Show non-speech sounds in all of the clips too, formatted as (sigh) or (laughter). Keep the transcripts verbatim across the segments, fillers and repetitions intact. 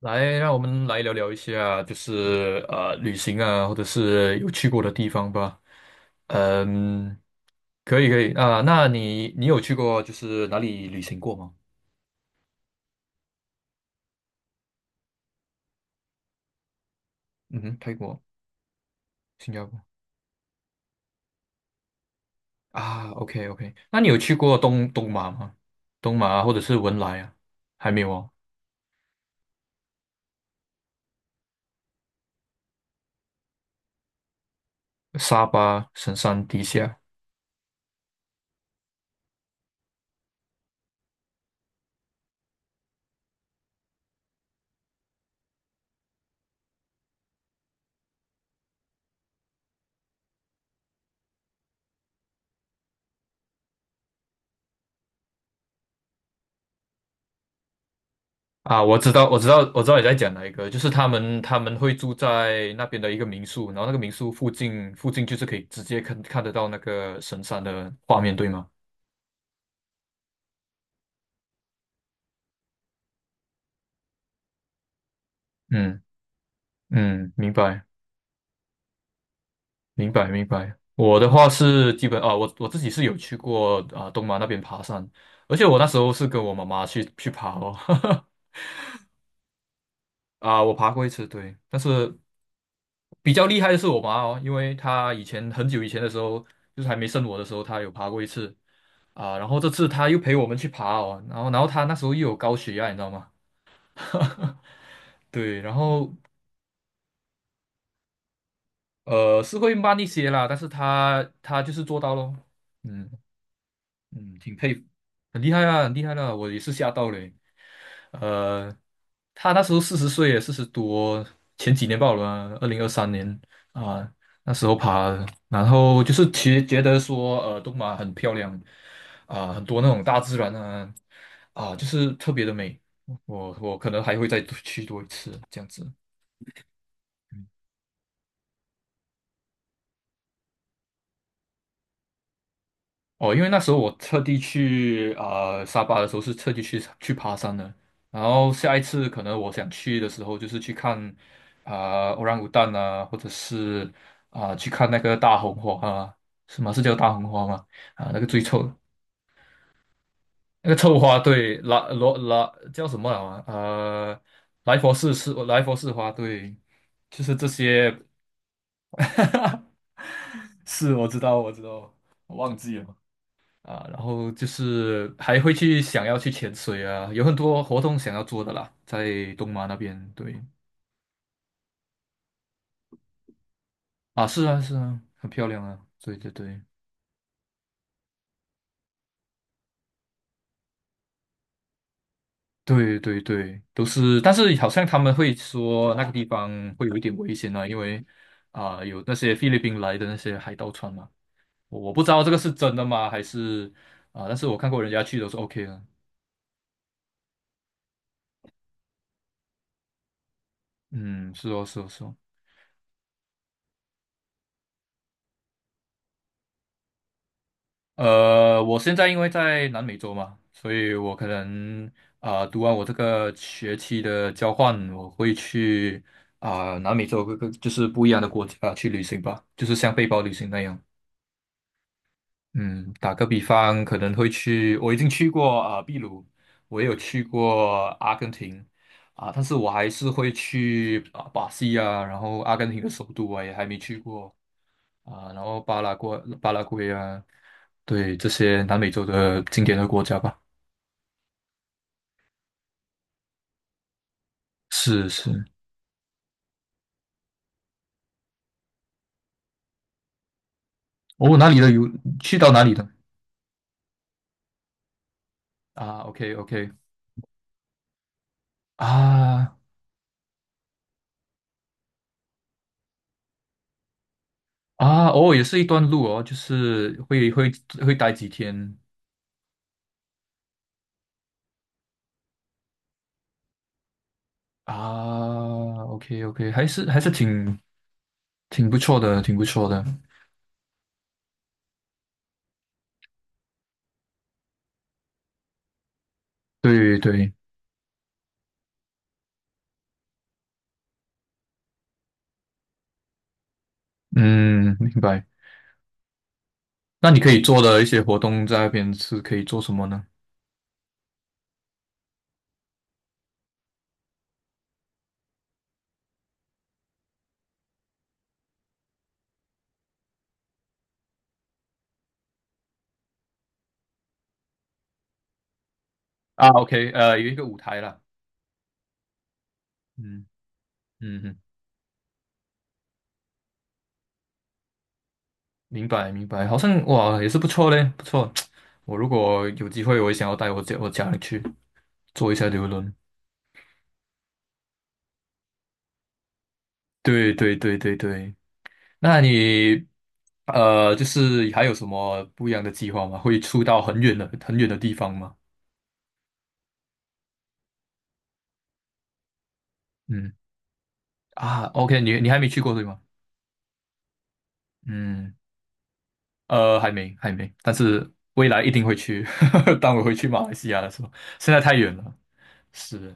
来，让我们来聊聊一下，就是呃，旅行啊，或者是有去过的地方吧。嗯，可以可以啊，那你你有去过就是哪里旅行过吗？嗯哼，泰国、新加坡啊，OK OK，那你有去过东东马吗？东马啊或者是文莱啊？还没有哦，沙巴、神山、地下。啊，我知道，我知道，我知道你在讲哪一个，就是他们他们会住在那边的一个民宿，然后那个民宿附近附近就是可以直接看看得到那个神山的画面，对吗？嗯嗯，明白明白明白。我的话是基本啊，我我自己是有去过啊东马那边爬山，而且我那时候是跟我妈妈去去爬哦，(laughs) 啊，我爬过一次，对，但是比较厉害的是我妈哦，因为她以前很久以前的时候，就是还没生我的时候，她有爬过一次。啊，然后这次他又陪我们去爬哦，然后然后他那时候又有高血压，你知道吗？(laughs) 对，然后呃是会慢一些啦，但是他他就是做到咯，嗯。嗯，挺佩服，很厉害啊，很厉害的、我也是吓到嘞。呃，他那时候四十岁，四十多，前几年报了啊二零二三年啊，那时候爬的然后就是其实觉得说，呃，东马很漂亮啊，很多那种大自然啊，啊，就是特别的美。我我可能还会再去多一次这样子。哦，因为那时候我特地去啊呃、沙巴的时候是特地去去爬山的，然后下一次可能我想去的时候就是去看啊、呃、o r a n g 啊，或者是啊、去看那个大红花啊，什么是叫大红花吗？啊，那个最臭的那个臭花，对，拉罗拉叫什么啊？呃，莱佛士是莱佛士花，对，就是这些，(laughs) 是我知道我知道，我忘记了。啊，然后就是还会去想要去潜水啊，有很多活动想要做的啦，在东马那边，对啊，是啊是啊，很漂亮啊，对对对对对对，都是，但是好像他们会说那个地方会有一点危险啊，因为啊有那些菲律宾来的那些海盗船嘛，我我不知道这个是真的吗，还是啊，但是我看过人家去都是 OK 的，嗯，是哦是哦是哦。呃，我现在因为在南美洲嘛，所以我可能啊、读完我这个学期的交换，我会去啊、南美洲各个就是不一样的国家去旅行吧，就是像背包旅行那样。嗯，打个比方，可能会去，我已经去过啊、秘鲁，我也有去过阿根廷啊、但是我还是会去啊、巴西啊，然后阿根廷的首都啊也还没去过啊、然后巴拉圭、巴拉圭啊。对这些南美洲的经典的国家吧。是是，哦，哪里的有去到哪里的啊？OK OK 啊啊，哦，也是一段路哦，就是会会会待几天啊？OK OK，还是还是挺挺不错的，挺不错的。对对，嗯，明白。那你可以做的一些活动在那边是可以做什么呢？啊，OK，呃，有一个舞台啦，嗯嗯嗯明白明白，好像哇也是不错嘞，不错。(tsk) 我如果有机会，我也想要带我家我家人去做一下游轮。对对对对对，那你呃，就是还有什么不一样的计划吗？会出到很远的很远的地方吗？嗯啊，OK，你你还没去过对吗？嗯，呃，还没还没，但是未来一定会去。(laughs) 当我回去马来西亚的时候，现在太远了。是，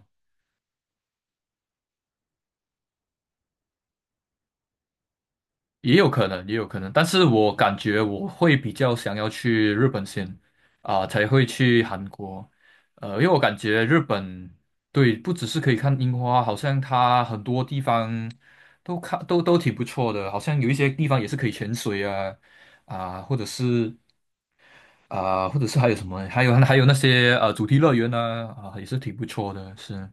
也有可能，也有可能，但是我感觉我会比较想要去日本先，啊、才会去韩国，呃，因为我感觉日本，对，不只是可以看樱花，好像它很多地方都看都都挺不错的，好像有一些地方也是可以潜水啊，啊、或者是啊、或者是还有什么，还有还有那些呃主题乐园啊，啊、也是挺不错的，是，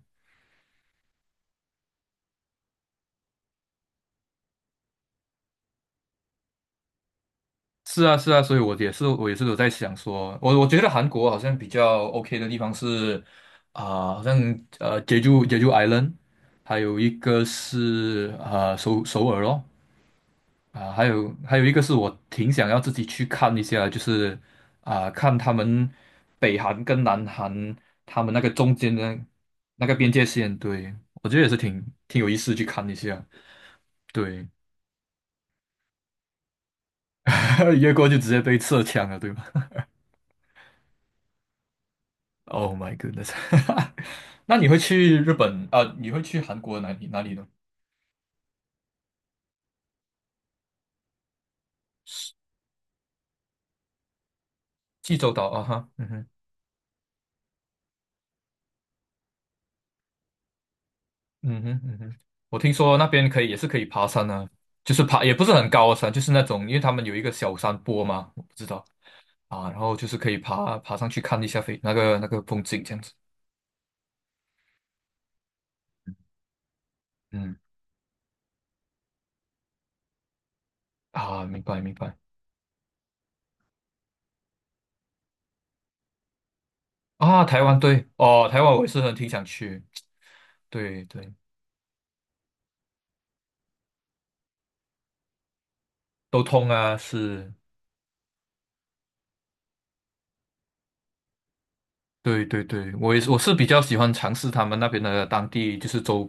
是啊，是啊，所以我也是，我也是有在想说，我我觉得韩国好像比较 OK 的地方是啊、好像呃，Jeju Jeju Island，还有一个是呃首首尔咯，啊、还有还有一个是我挺想要自己去看一下，就是啊、看他们北韩跟南韩他们那个中间的那个边界线，对，我觉得也是挺挺有意思去看一下，对，(laughs) 越过就直接被射枪了，对吧？Oh my goodness！(laughs) 那你会去日本啊？你会去韩国哪里哪里呢？济州岛啊哈，嗯哼，嗯哼，嗯哼，我听说那边可以也是可以爬山啊，就是爬也不是很高的山，就是那种因为他们有一个小山坡嘛，我不知道啊，然后就是可以爬爬上去看一下飞那个那个风景这样子，嗯啊，明白明白啊，台湾对哦，台湾我也是很挺想去，对对，都通啊是。对对对，我也是，我是比较喜欢尝试他们那边的当地，就是走，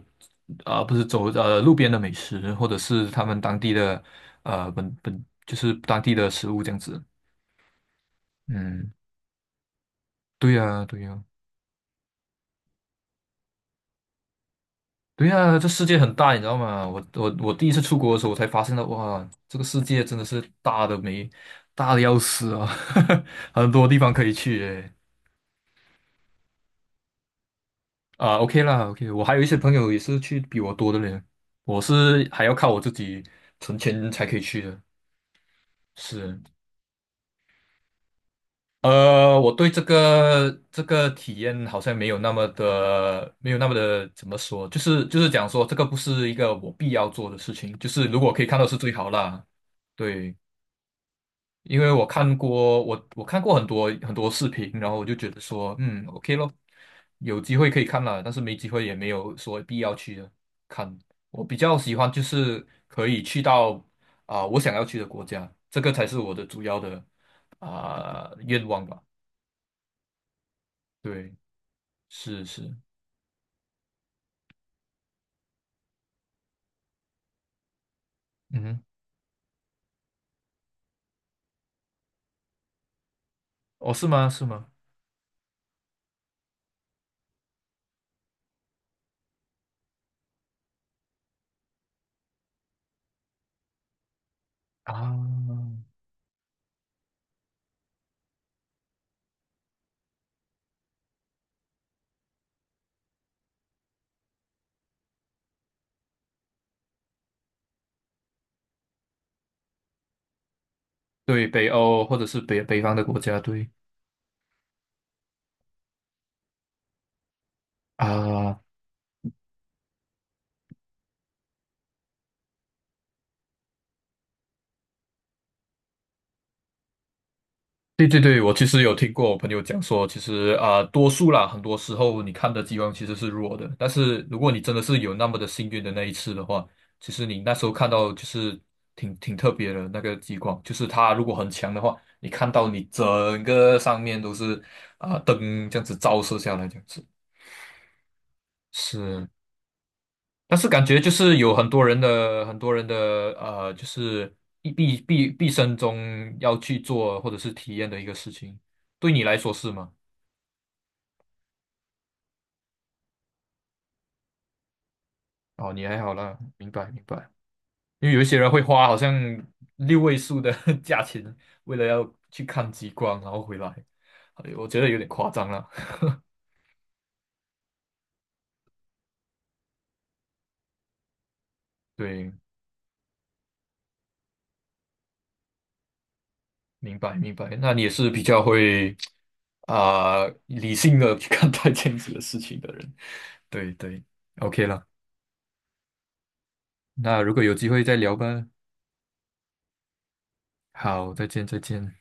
啊、不是走呃，路边的美食，或者是他们当地的，呃，本本就是当地的食物这样子。嗯，对呀、对呀、对呀、这世界很大，你知道吗？我我我第一次出国的时候，我才发现到，哇，这个世界真的是大的没大的要死啊，(laughs) 很多地方可以去诶。啊，OK 啦，OK，我还有一些朋友也是去比我多的嘞，我是还要靠我自己存钱才可以去的。是，呃，我对这个这个体验好像没有那么的，没有那么的怎么说，就是就是讲说这个不是一个我必要做的事情，就是如果可以看到是最好啦。对，因为我看过我我看过很多很多视频，然后我就觉得说，嗯，OK 咯，有机会可以看啦，但是没机会也没有说必要去看。我比较喜欢就是可以去到啊、我想要去的国家，这个才是我的主要的啊、愿望吧。对，是是，嗯哼哦，是吗？是吗？啊，对，北欧或者是北北方的国家，对啊，对对对，我其实有听过我朋友讲说，其实啊，多数啦，很多时候你看的激光其实是弱的，但是如果你真的是有那么的幸运的那一次的话，其实你那时候看到就是挺挺特别的那个激光，就是它如果很强的话，你看到你整个上面都是啊灯这样子照射下来这样子，是，但是感觉就是有很多人的很多人的呃，就是一毕毕毕生中要去做或者是体验的一个事情，对你来说是吗？哦，你还好啦，明白明白。因为有一些人会花好像六位数的 (laughs) 价钱，为了要去看极光，然后回来，哎我觉得有点夸张了。(laughs) 对，明白明白。那你也是比较会啊、理性的去看待这样子的事情的人。对对，OK 了。那如果有机会再聊吧。好，再见，再见。